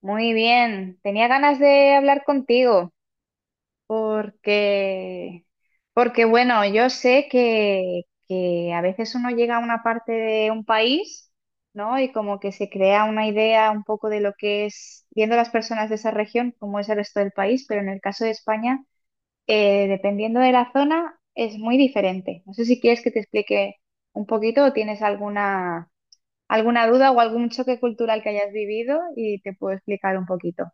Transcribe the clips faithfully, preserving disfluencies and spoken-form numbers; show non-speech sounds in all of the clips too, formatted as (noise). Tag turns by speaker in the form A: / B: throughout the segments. A: Muy bien, tenía ganas de hablar contigo porque, porque bueno, yo sé que, que a veces uno llega a una parte de un país, ¿no? Y como que se crea una idea un poco de lo que es, viendo las personas de esa región, cómo es el resto del país, pero en el caso de España, eh, dependiendo de la zona, es muy diferente. No sé si quieres que te explique un poquito o tienes alguna, alguna duda o algún choque cultural que hayas vivido y te puedo explicar un poquito.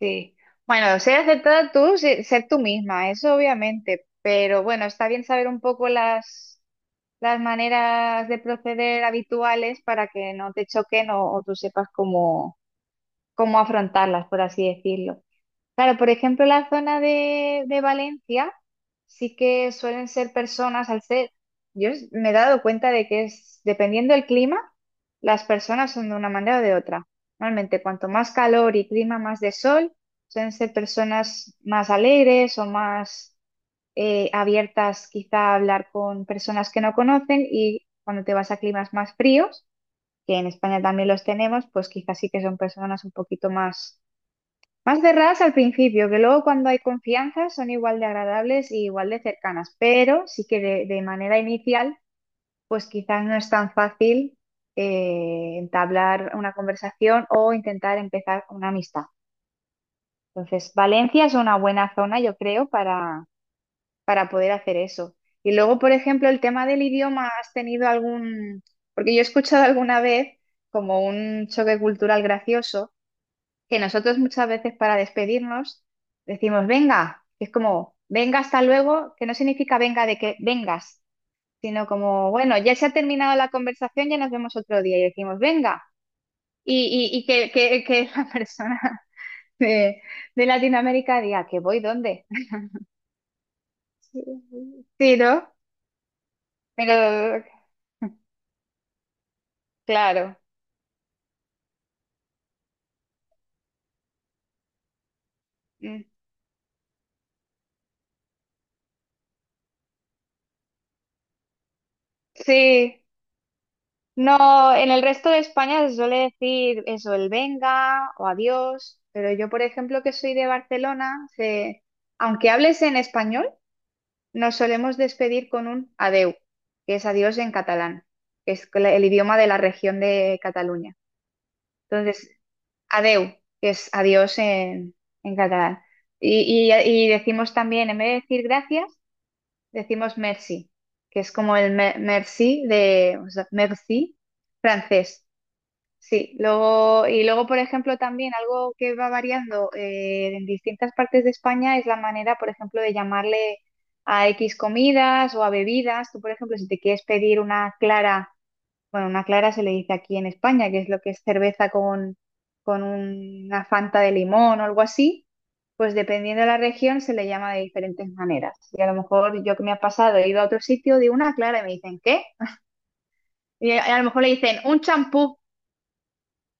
A: Sí, bueno, ser aceptada tú, se- ser tú misma, eso obviamente, pero bueno, está bien saber un poco las, las maneras de proceder habituales para que no te choquen o, o tú sepas cómo, cómo afrontarlas, por así decirlo. Claro, por ejemplo, la zona de, de Valencia sí que suelen ser personas, al ser, yo es- me he dado cuenta de que es, dependiendo del clima, las personas son de una manera o de otra. Normalmente, cuanto más calor y clima más de sol, suelen ser personas más alegres o más eh, abiertas quizá a hablar con personas que no conocen y cuando te vas a climas más fríos, que en España también los tenemos, pues quizás sí que son personas un poquito más más cerradas al principio, que luego cuando hay confianza son igual de agradables y igual de cercanas, pero sí que de, de manera inicial, pues quizás no es tan fácil eh, entablar una conversación o intentar empezar una amistad. Entonces, Valencia es una buena zona, yo creo, para, para poder hacer eso. Y luego, por ejemplo, el tema del idioma, ¿has tenido algún? Porque yo he escuchado alguna vez como un choque cultural gracioso que nosotros muchas veces para despedirnos decimos venga, es como venga hasta luego, que no significa venga de que vengas, sino como bueno, ya se ha terminado la conversación, ya nos vemos otro día y decimos venga, y, y, y que, que, que (laughs) la persona de, de Latinoamérica diga que voy dónde. Sí, ¿no? Pero claro, mm, sí. No, en el resto de España se suele decir eso, el venga o adiós, pero yo, por ejemplo, que soy de Barcelona, se- aunque hables en español, nos solemos despedir con un adeu, que es adiós en catalán, que es cl- el idioma de la región de Cataluña. Entonces, adeu, que es adiós en, en catalán. Y, y- y decimos también, en vez de decir gracias, decimos merci, que es como el me- merci de, o sea, merci francés. Sí, luego, y luego, por ejemplo, también algo que va variando eh, en distintas partes de España es la manera, por ejemplo, de llamarle a X comidas o a bebidas. Tú, por ejemplo, si te quieres pedir una clara, bueno, una clara se le dice aquí en España, que es lo que es cerveza con, con una fanta de limón o algo así, pues dependiendo de la región se le llama de diferentes maneras. Y a lo mejor yo que me ha pasado, he ido a otro sitio, digo una clara y me dicen, ¿qué? Y a a lo mejor le dicen un champú.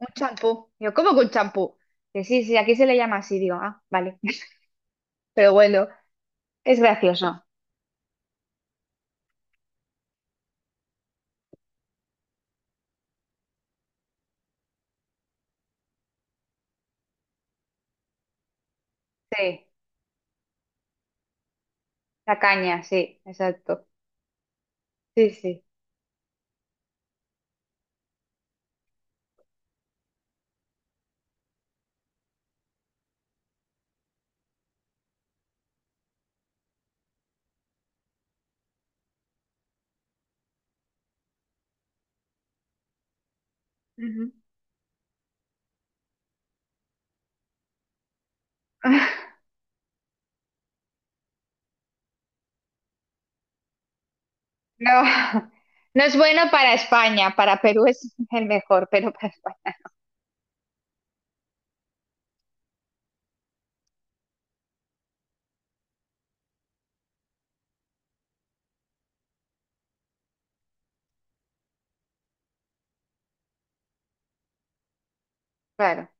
A: Un champú. Yo, ¿cómo que un champú? Que sí, sí, aquí se le llama así, digo, ah, vale. (laughs) Pero bueno, es gracioso. Sí, la caña, sí, exacto. Sí, sí. Ujú. (laughs) No, no es bueno para España, para Perú es el mejor, pero para España, no, claro.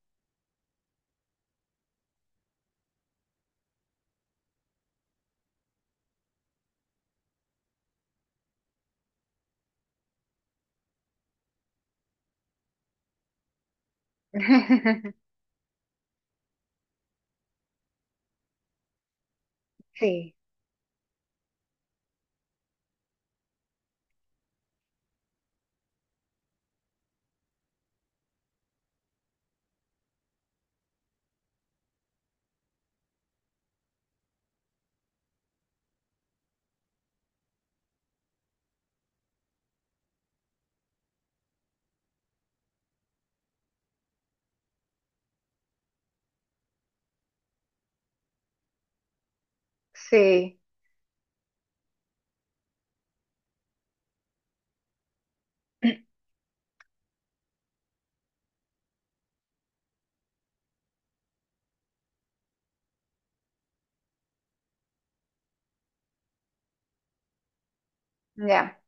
A: (laughs) Sí, sí, (clears throat) ya.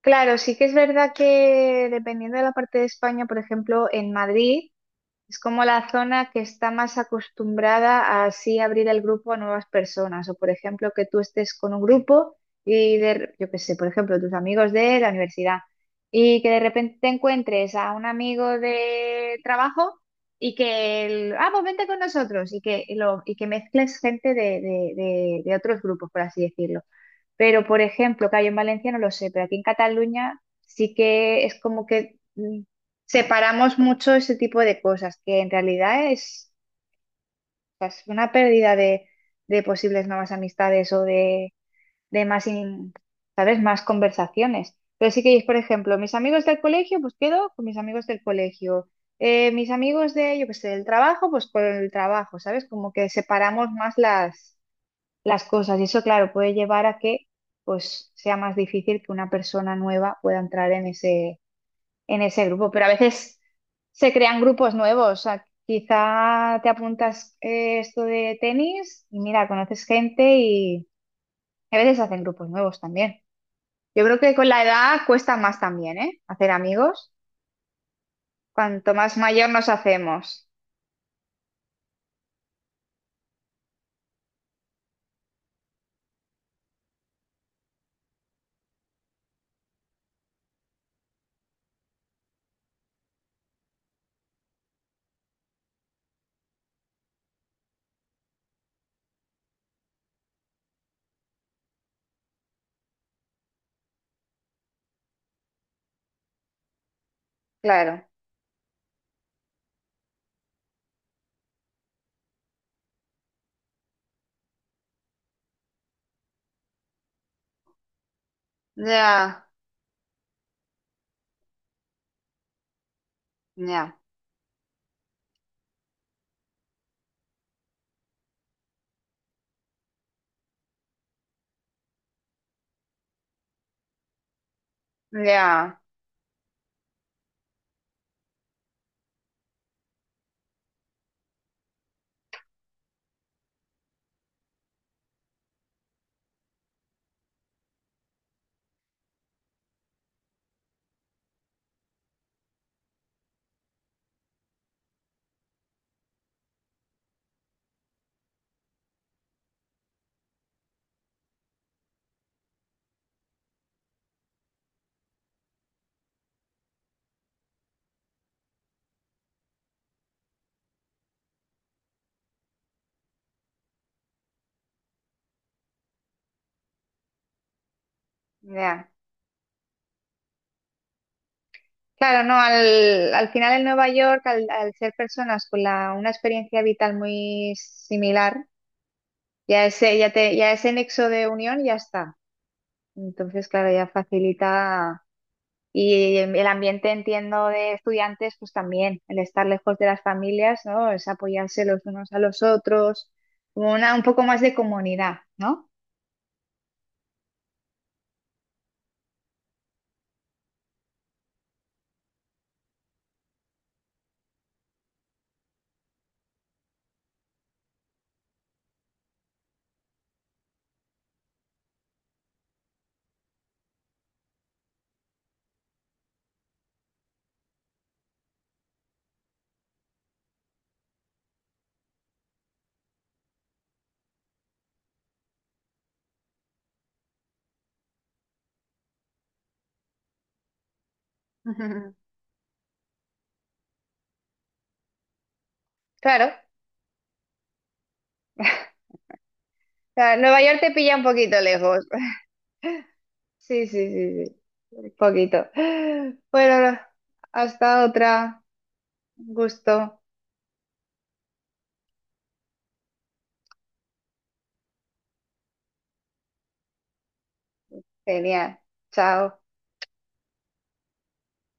A: Claro, sí que es verdad que dependiendo de la parte de España, por ejemplo, en Madrid. Es como la zona que está más acostumbrada a así abrir el grupo a nuevas personas. O, por ejemplo, que tú estés con un grupo y, de, yo qué sé, por ejemplo, tus amigos de la universidad y que de repente te encuentres a un amigo de trabajo y que, el, ah, pues vente con nosotros y que, y lo, y que mezcles gente de, de de- de otros grupos, por así decirlo. Pero, por ejemplo, que hay en Valencia no lo sé, pero aquí en Cataluña sí que es como que mm, separamos mucho ese tipo de cosas, que en realidad es, o sea, es una pérdida de, de posibles nuevas amistades o de, de más, in- ¿sabes? Más conversaciones. Pero sí que es, por ejemplo, mis amigos del colegio, pues quedo con mis amigos del colegio. Eh, mis amigos de, yo qué sé, del trabajo, pues con el trabajo, ¿sabes? Como que separamos más las cosas. Y eso, claro, puede llevar a que pues sea más difícil que una persona nueva pueda entrar en ese, en ese grupo. Pero a veces se crean grupos nuevos. O sea, quizá te apuntas eh, esto de tenis y mira, conoces gente y a veces hacen grupos nuevos también. Yo creo que con la edad cuesta más también, ¿eh? Hacer amigos. Cuanto más mayor nos hacemos. Claro. Ya, ya, ya, ya. Claro, no, al, al final en Nueva York, al, al ser personas con la, una experiencia vital muy similar, ya ese, ya te, ya ese nexo de unión ya está. Entonces, claro, ya facilita. Y el ambiente, entiendo, de estudiantes, pues también, el estar lejos de las familias, ¿no? Es apoyarse los unos a los otros, como una, un poco más de comunidad, ¿no? (laughs) Claro. (laughs) O sea, Nueva York te pilla un poquito lejos. Sí, sí, sí, sí. Un poquito. Bueno, hasta otra. Un gusto. Genial. Chao.